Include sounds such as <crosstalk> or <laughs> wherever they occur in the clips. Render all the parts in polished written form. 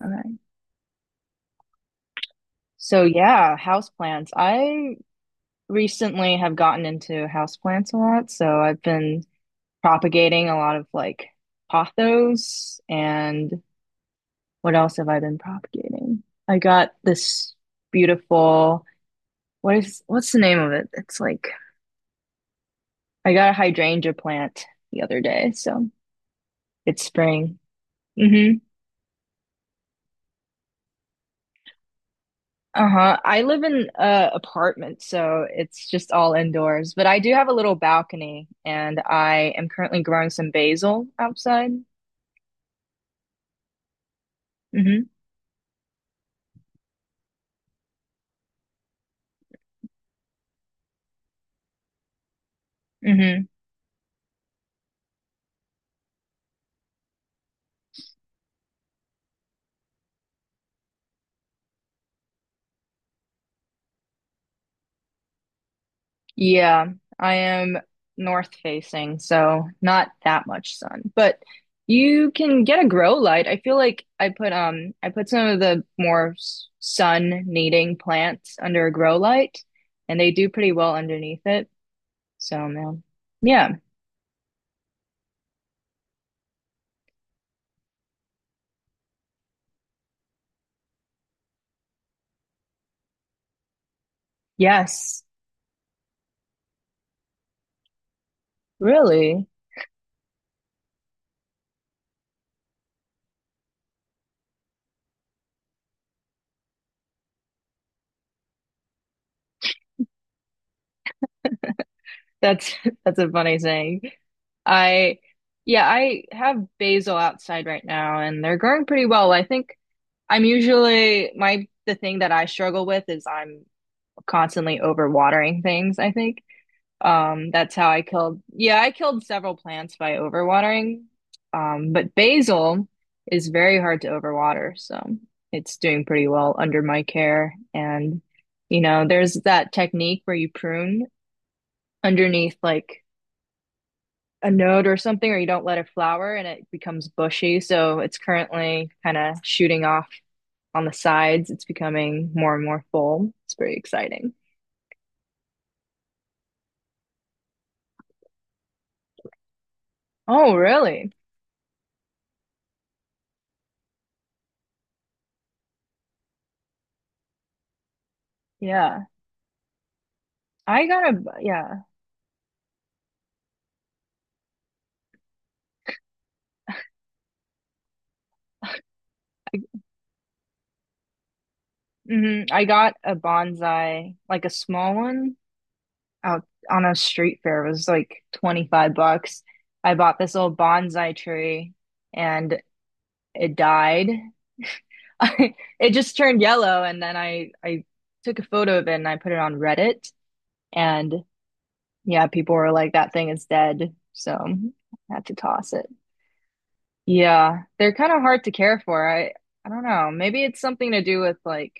All right. So yeah, houseplants. I recently have gotten into houseplants a lot, so I've been propagating a lot of like pothos and what else have I been propagating? I got this beautiful what's the name of it? It's like I got a hydrangea plant the other day, so it's spring. Mm-hmm. Uh-huh. I live in a apartment, so it's just all indoors, but I do have a little balcony and I am currently growing some basil outside. Mm-hmm. Mm-hmm. Yeah, I am north facing, so not that much sun. But you can get a grow light. I feel like I put some of the more sun needing plants under a grow light and they do pretty well underneath it. So, man. Yeah. Yes. Really? That's <laughs> that's a funny saying. I Yeah, I have basil outside right now and they're growing pretty well. I think I'm usually my the thing that I struggle with is I'm constantly overwatering things, I think. That's how I killed, yeah, I killed several plants by overwatering. But basil is very hard to overwater, so it's doing pretty well under my care. And you know, there's that technique where you prune underneath like a node or something, or you don't let it flower and it becomes bushy. So it's currently kind of shooting off on the sides. It's becoming more and more full. It's very exciting. Oh, really? Yeah. Yeah. Hmm. I got a bonsai, like a small one out on a street fair. It was like 25 bucks. I bought this old bonsai tree and it died. <laughs> It just turned yellow, and then I took a photo of it and I put it on Reddit, and yeah, people were like, "That thing is dead," so I had to toss it. Yeah, they're kind of hard to care for. I don't know. Maybe it's something to do with like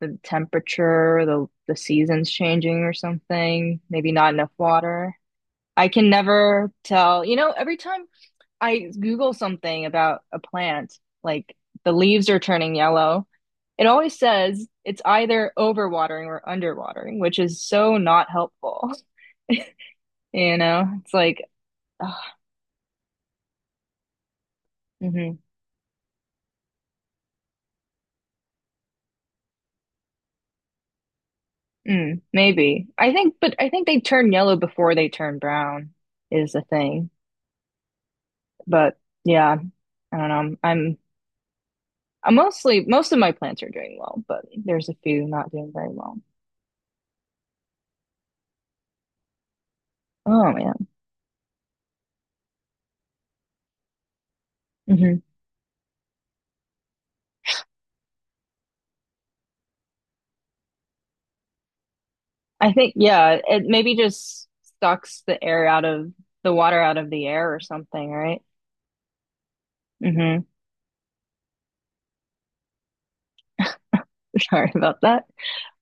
the temperature, the seasons changing or something. Maybe not enough water. I can never tell. You know, every time I Google something about a plant, like the leaves are turning yellow. It always says it's either overwatering or underwatering, which is so not helpful. <laughs> You know, it's like, ugh, mhm, mm, maybe. I think, but I think they turn yellow before they turn brown is the thing. But yeah, I don't know. I'm mostly, most of my plants are doing well, but there's a few not doing very well. Oh man. Mhm. I think, yeah, it maybe just sucks the air out of the water out of the air or something, right? Mm-hmm. <laughs> Sorry about that.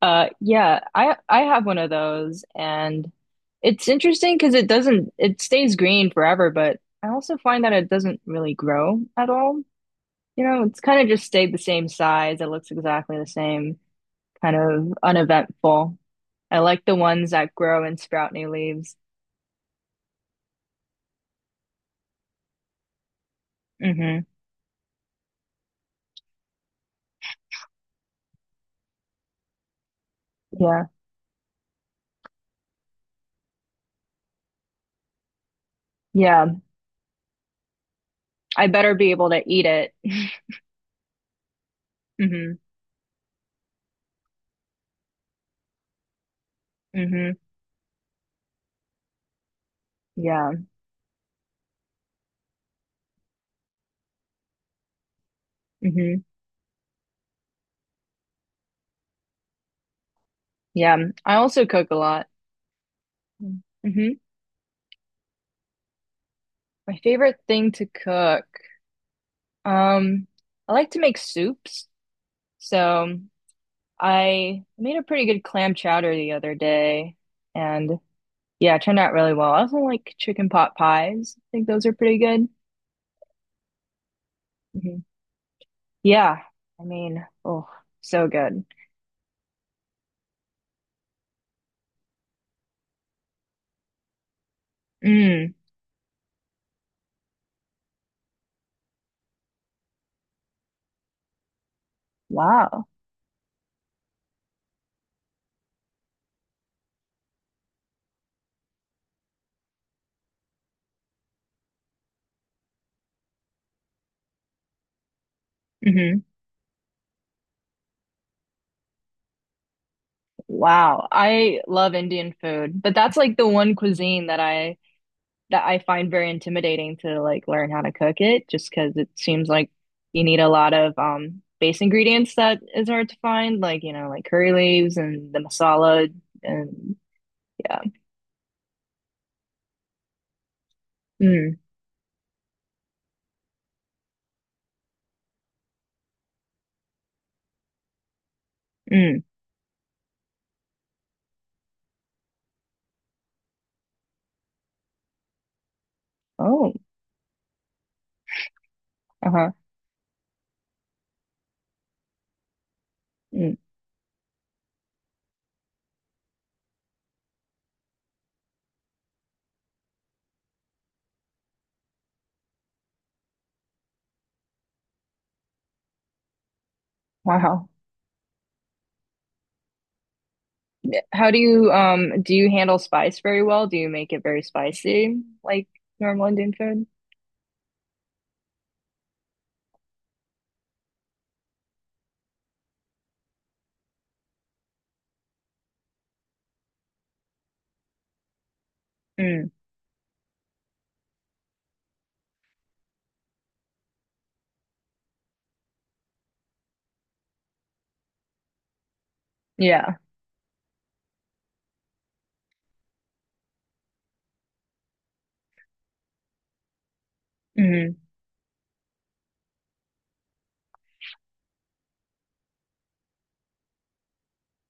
Yeah, I have one of those, and it's interesting because it doesn't it stays green forever, but I also find that it doesn't really grow at all. You know, it's kind of just stayed the same size. It looks exactly the same, kind of uneventful. I like the ones that grow and sprout new leaves. Hmm. Yeah. Yeah. I better be able to eat it. <laughs> Hmm. Hmm. Yeah. Hmm. Yeah. I also cook a lot. Hmm. My favorite thing to cook. Um, I like to make soups. So I made a pretty good clam chowder the other day and yeah, it turned out really well. I also like chicken pot pies. I think those are pretty good. Hmm. Yeah. I mean, oh, so good. Mm. Wow. Hmm. Wow. I love Indian food, but that's like the one cuisine that I find very intimidating to like learn how to cook it just because it seems like you need a lot of base ingredients that is hard to find, like you know, like curry leaves and the masala and yeah. Mm, mm. Oh, uh-huh. Mm, wow. How do you handle spice very well? Do you make it very spicy like normal Indian food? Mm, yeah. Mm,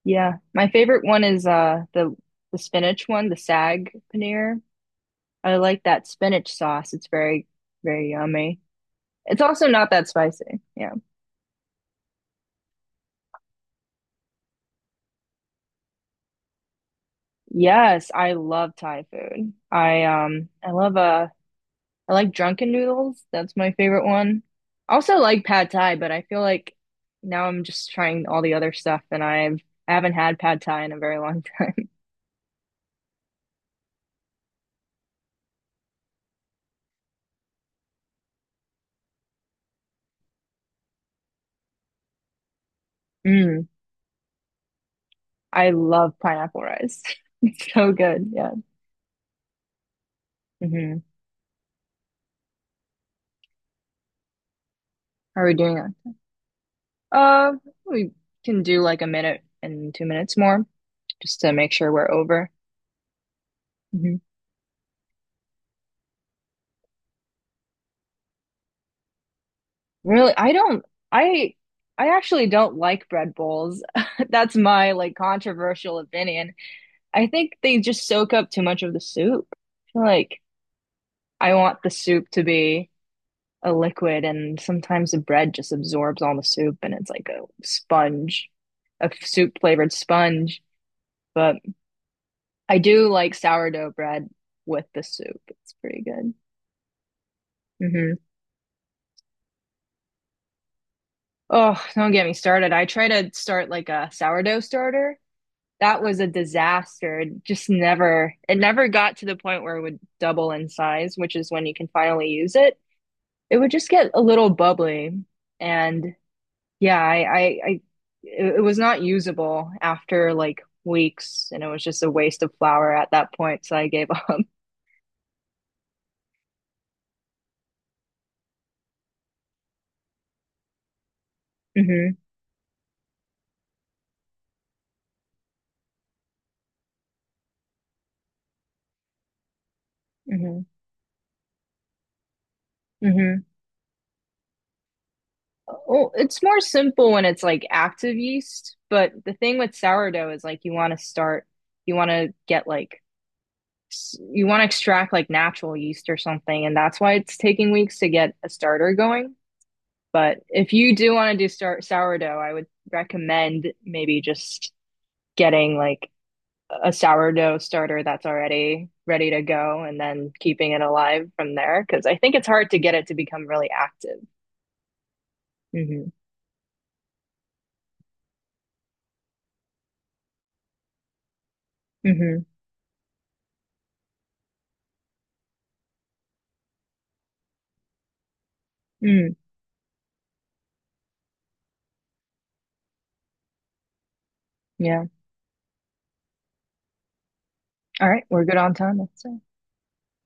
yeah. My favorite one is the spinach one, the sag paneer. I like that spinach sauce. It's very, very yummy. It's also not that spicy. Yeah. Yes, I love Thai food. I love I like drunken noodles. That's my favorite one. I also like pad thai, but I feel like now I'm just trying all the other stuff and I haven't had pad thai in a very long time. <laughs> Mm, I love pineapple rice. <laughs> It's so good. Yeah. Hmm. How are we doing that? Uh, we can do like a minute and 2 minutes more. Just to make sure we're over. Mhm. Really, I, I actually don't like bread bowls. <laughs> That's my like controversial opinion. I think they just soak up too much of the soup. I feel like I want the soup to be a liquid, and sometimes the bread just absorbs all the soup, and it's like a sponge, a soup flavored sponge. But I do like sourdough bread with the soup. It's pretty good. Hmm. Oh, don't get me started. I tried to start like a sourdough starter. That was a disaster. It never got to the point where it would double in size, which is when you can finally use it. It would just get a little bubbly. And yeah, I it, it was not usable after like weeks, and it was just a waste of flour at that point. So I gave up. <laughs> Hmm. Hmm. Hmm. Oh, it's more simple when it's like active yeast, but the thing with sourdough is like you want to get like, you want to extract like natural yeast or something, and that's why it's taking weeks to get a starter going. But if you do want to do start sourdough, I would recommend maybe just getting like a sourdough starter that's already ready to go and then keeping it alive from there because I think it's hard to get it to become really active. Hmm. Hmm. Mm. Yeah. All right, we're good on time, let's say.